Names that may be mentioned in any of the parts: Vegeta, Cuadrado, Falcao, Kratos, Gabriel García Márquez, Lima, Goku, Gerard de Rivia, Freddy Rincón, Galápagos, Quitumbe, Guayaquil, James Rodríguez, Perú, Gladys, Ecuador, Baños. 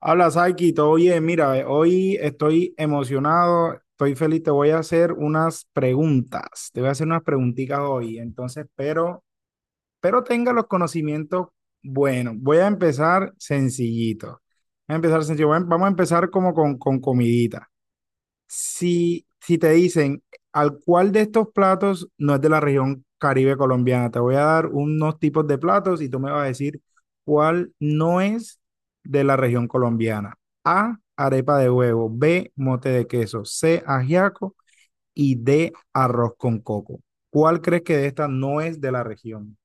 Habla, Saiki, todo bien. Mira, hoy estoy emocionado, estoy feliz. Te voy a hacer unas preguntas. Te voy a hacer unas preguntitas hoy. Entonces, pero tenga los conocimientos. Bueno, voy a empezar sencillito. Voy a empezar sencillo. Vamos a empezar como con comidita. Si te dicen, ¿al cuál de estos platos no es de la región Caribe colombiana? Te voy a dar unos tipos de platos y tú me vas a decir cuál no es de la región colombiana. A, arepa de huevo, B, mote de queso, C, ajiaco y D, arroz con coco. ¿Cuál crees que de esta no es de la región?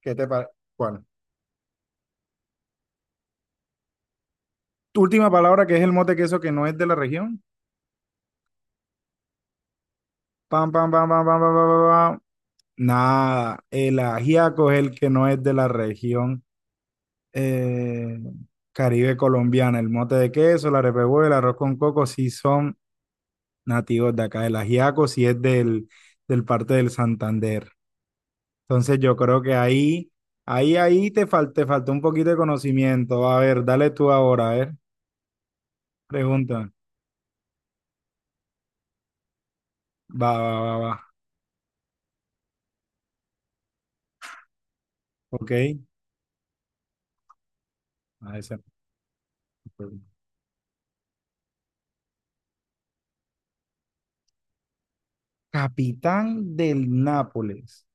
¿Qué te parece? ¿Cuál? Tu última palabra que es el mote de queso que no es de la región. Pam, pam, pam, pam, pam, pam, pam, pam, pam. Nada, el ajiaco es el que no es de la región eh, Caribe colombiana. El mote de queso, la repehuela, el arroz con coco sí son nativos de acá. El ajiaco sí es del parte del Santander. Entonces yo creo que ahí te faltó un poquito de conocimiento. A ver, dale tú ahora, a ver, pregunta. Va, va, va, va. Ok. A esa- Capitán del Nápoles.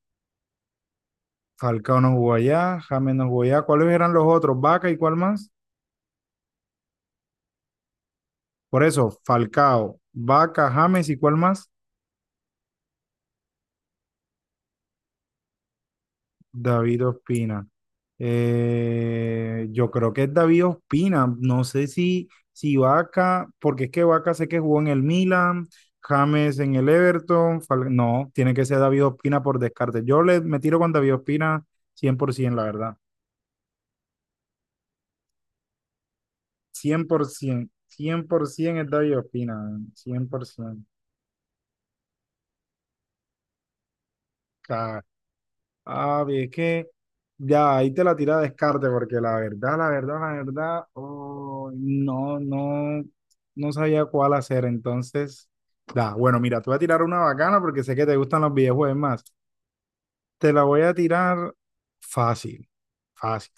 Falcao no jugó allá, James no jugó allá. ¿Cuáles eran los otros? ¿Vaca y cuál más? Por eso, Falcao, Vaca, James, ¿y cuál más? David Ospina. Yo creo que es David Ospina. No sé si Vaca, porque es que Vaca sé que jugó en el Milan, James en el Everton. No, tiene que ser David Ospina por descarte. Yo le, me tiro con David Ospina 100%, la verdad. Cien, por ciento, cien por 100% es David Ospina, 100%. Ah, bien, es que ya ahí te la tira a descarte, porque la verdad, la verdad, la verdad, oh, no, no, no sabía cuál hacer. Entonces, da, bueno, mira, te voy a tirar una bacana porque sé que te gustan los videojuegos más. Te la voy a tirar fácil, fácil.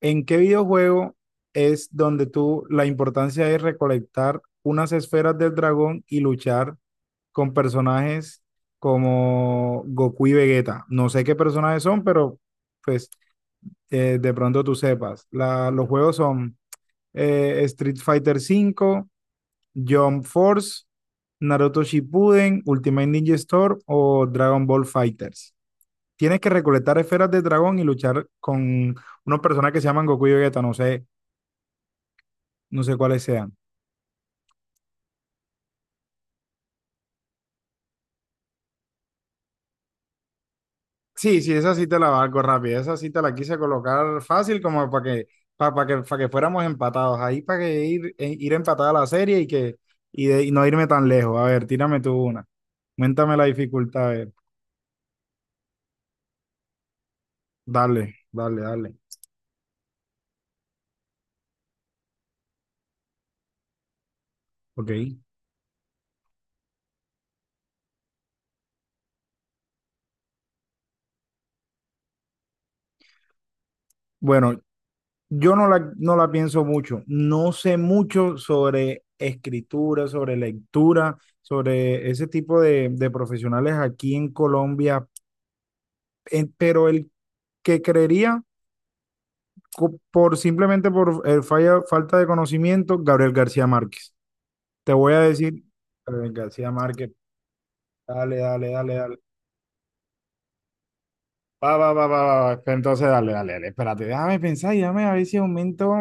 ¿En qué videojuego es donde tú la importancia es recolectar unas esferas del dragón y luchar con personajes como Goku y Vegeta? No sé qué personajes son, pero pues de pronto tú sepas. Los juegos son Street Fighter 5, Jump Force, Naruto Shippuden, Ultimate Ninja Storm o Dragon Ball Fighters. Tienes que recolectar esferas de dragón y luchar con unos personajes que se llaman Goku y Vegeta, no sé, no sé cuáles sean. Sí, sí, esa sí te la valgo rápida. Esa sí te la quise colocar fácil como para que, para, que, para que fuéramos empatados. Ahí para que ir, ir empatada la serie y que y no irme tan lejos. A ver, tírame tú una. Cuéntame la dificultad. A ver, dale, dale, dale. Ok. Bueno, yo no la pienso mucho. No sé mucho sobre escritura, sobre lectura, sobre ese tipo de profesionales aquí en Colombia. Pero el que creería por simplemente por el falta de conocimiento, Gabriel García Márquez. Te voy a decir, Gabriel García Márquez, dale, dale, dale, dale. Va, va, va, va, va, va. Entonces, dale, dale, dale. Espérate, déjame pensar y déjame a ver si aumento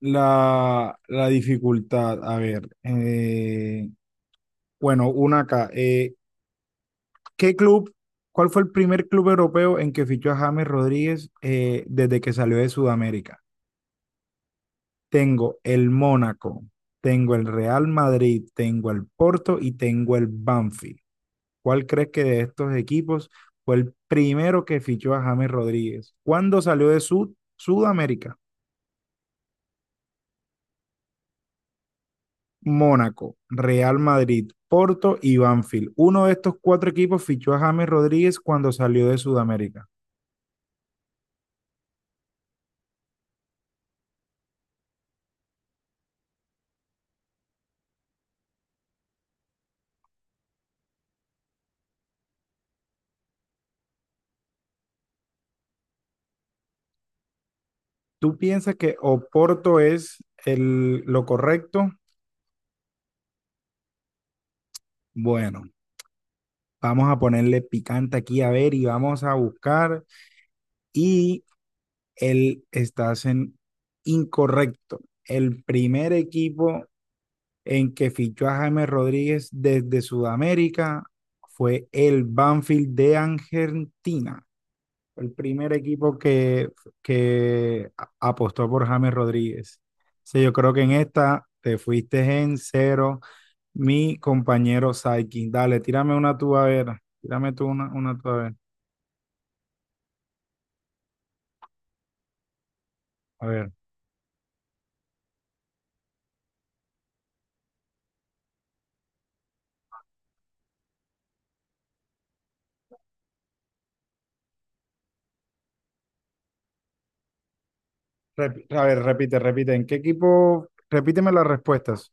la dificultad. A ver, bueno, una acá. ¿Qué club, cuál fue el primer club europeo en que fichó a James Rodríguez desde que salió de Sudamérica? Tengo el Mónaco, tengo el Real Madrid, tengo el Porto y tengo el Banfield. ¿Cuál crees que de estos equipos fue el primero que fichó a James Rodríguez? ¿Cuándo salió de Sudamérica? Mónaco, Real Madrid, Porto y Banfield. Uno de estos cuatro equipos fichó a James Rodríguez cuando salió de Sudamérica. ¿Tú piensas que Oporto es lo correcto? Bueno, vamos a ponerle picante aquí a ver y vamos a buscar. Y estás en incorrecto. El primer equipo en que fichó a James Rodríguez desde Sudamérica fue el Banfield de Argentina. El primer equipo que apostó por James Rodríguez. Sí, yo creo que en esta te fuiste en cero, mi compañero Saikin. Dale, tírame una tú a ver. Tírame tú una tú a ver. A ver. A ver, repite, repite. ¿En qué equipo? Repíteme las respuestas.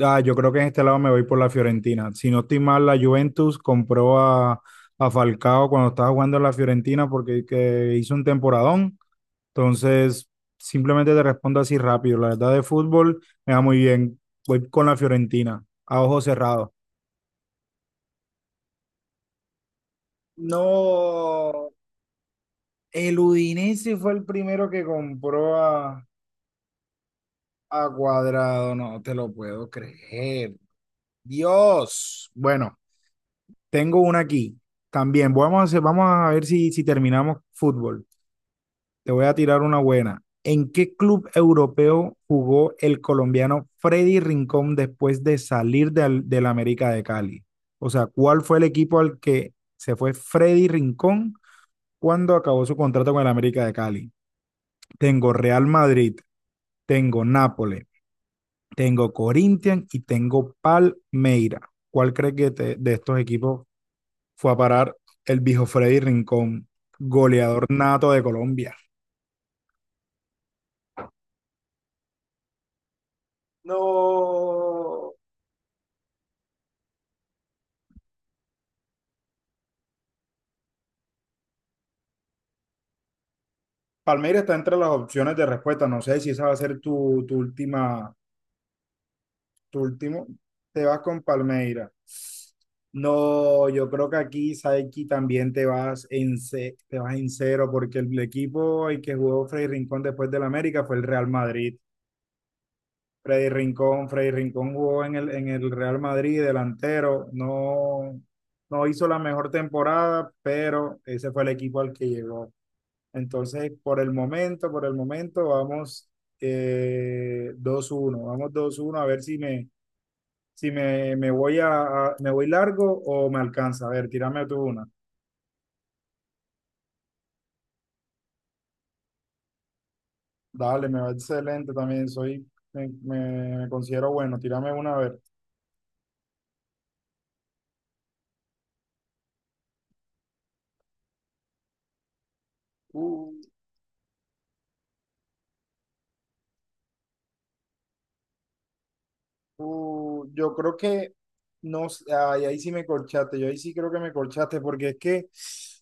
Ah, yo creo que en este lado me voy por la Fiorentina. Si no estoy mal, la Juventus compró a Falcao cuando estaba jugando en la Fiorentina porque que hizo un temporadón. Entonces, simplemente te respondo así rápido. La verdad de fútbol me va muy bien. Voy con la Fiorentina, a ojo cerrado. No, el Udinese fue el primero que compró a Cuadrado. No te lo puedo creer. Dios. Bueno, tengo una aquí. También vamos vamos a ver si terminamos fútbol. Te voy a tirar una buena. ¿En qué club europeo jugó el colombiano Freddy Rincón después de salir del América de Cali? O sea, ¿cuál fue el equipo al que se fue Freddy Rincón cuando acabó su contrato con el América de Cali? Tengo Real Madrid, tengo Nápoles, tengo Corinthians y tengo Palmeira. ¿Cuál crees que de estos equipos fue a parar el viejo Freddy Rincón, goleador nato de Colombia? No. Palmeiras está entre las opciones de respuesta. No sé si esa va a ser tu última, tu último. Te vas con Palmeiras. No, yo creo que aquí, Saiki, también te vas en cero, porque el equipo el que jugó Freddy Rincón después del América fue el Real Madrid. Freddy Rincón, Freddy Rincón jugó en el Real Madrid, delantero, no, no hizo la mejor temporada, pero ese fue el equipo al que llegó. Entonces, por el momento, vamos 2-1, vamos 2-1 a ver si si me, me voy a, me voy largo o me alcanza. A ver, tírame tú una. Dale, me va excelente también, soy, me considero bueno, tírame una a ver. Yo creo que no, ay, ahí sí me corchaste, yo ahí sí creo que me corchaste, porque es que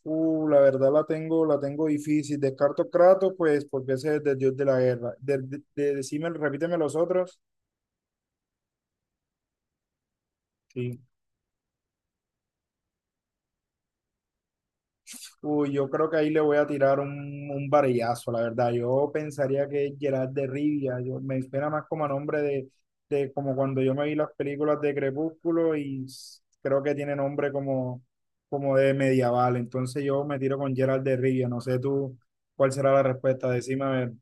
la verdad la tengo difícil. Descarto Kratos, pues, porque ese es el dios de la guerra. Decime, repíteme los otros. Sí. Uy, yo creo que ahí le voy a tirar un varillazo, la verdad. Yo pensaría que es Gerard de Rivia. Yo, me espera más como a nombre de como cuando yo me vi las películas de Crepúsculo y creo que tiene nombre como de medieval. Entonces yo me tiro con Gerard de Rivia. No sé tú cuál será la respuesta. Decime a ver.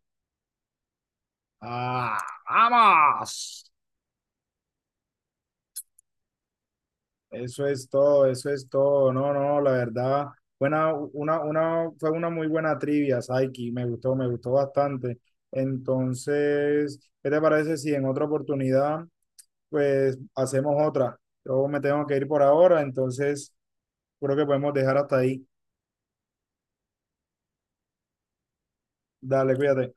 ¡Ah, vamos! Eso es todo, eso es todo. No, no, la verdad, buena, fue una muy buena trivia, Saiki. Me gustó bastante. Entonces, ¿qué te parece si en otra oportunidad, pues, hacemos otra? Yo me tengo que ir por ahora, entonces creo que podemos dejar hasta ahí. Dale, cuídate.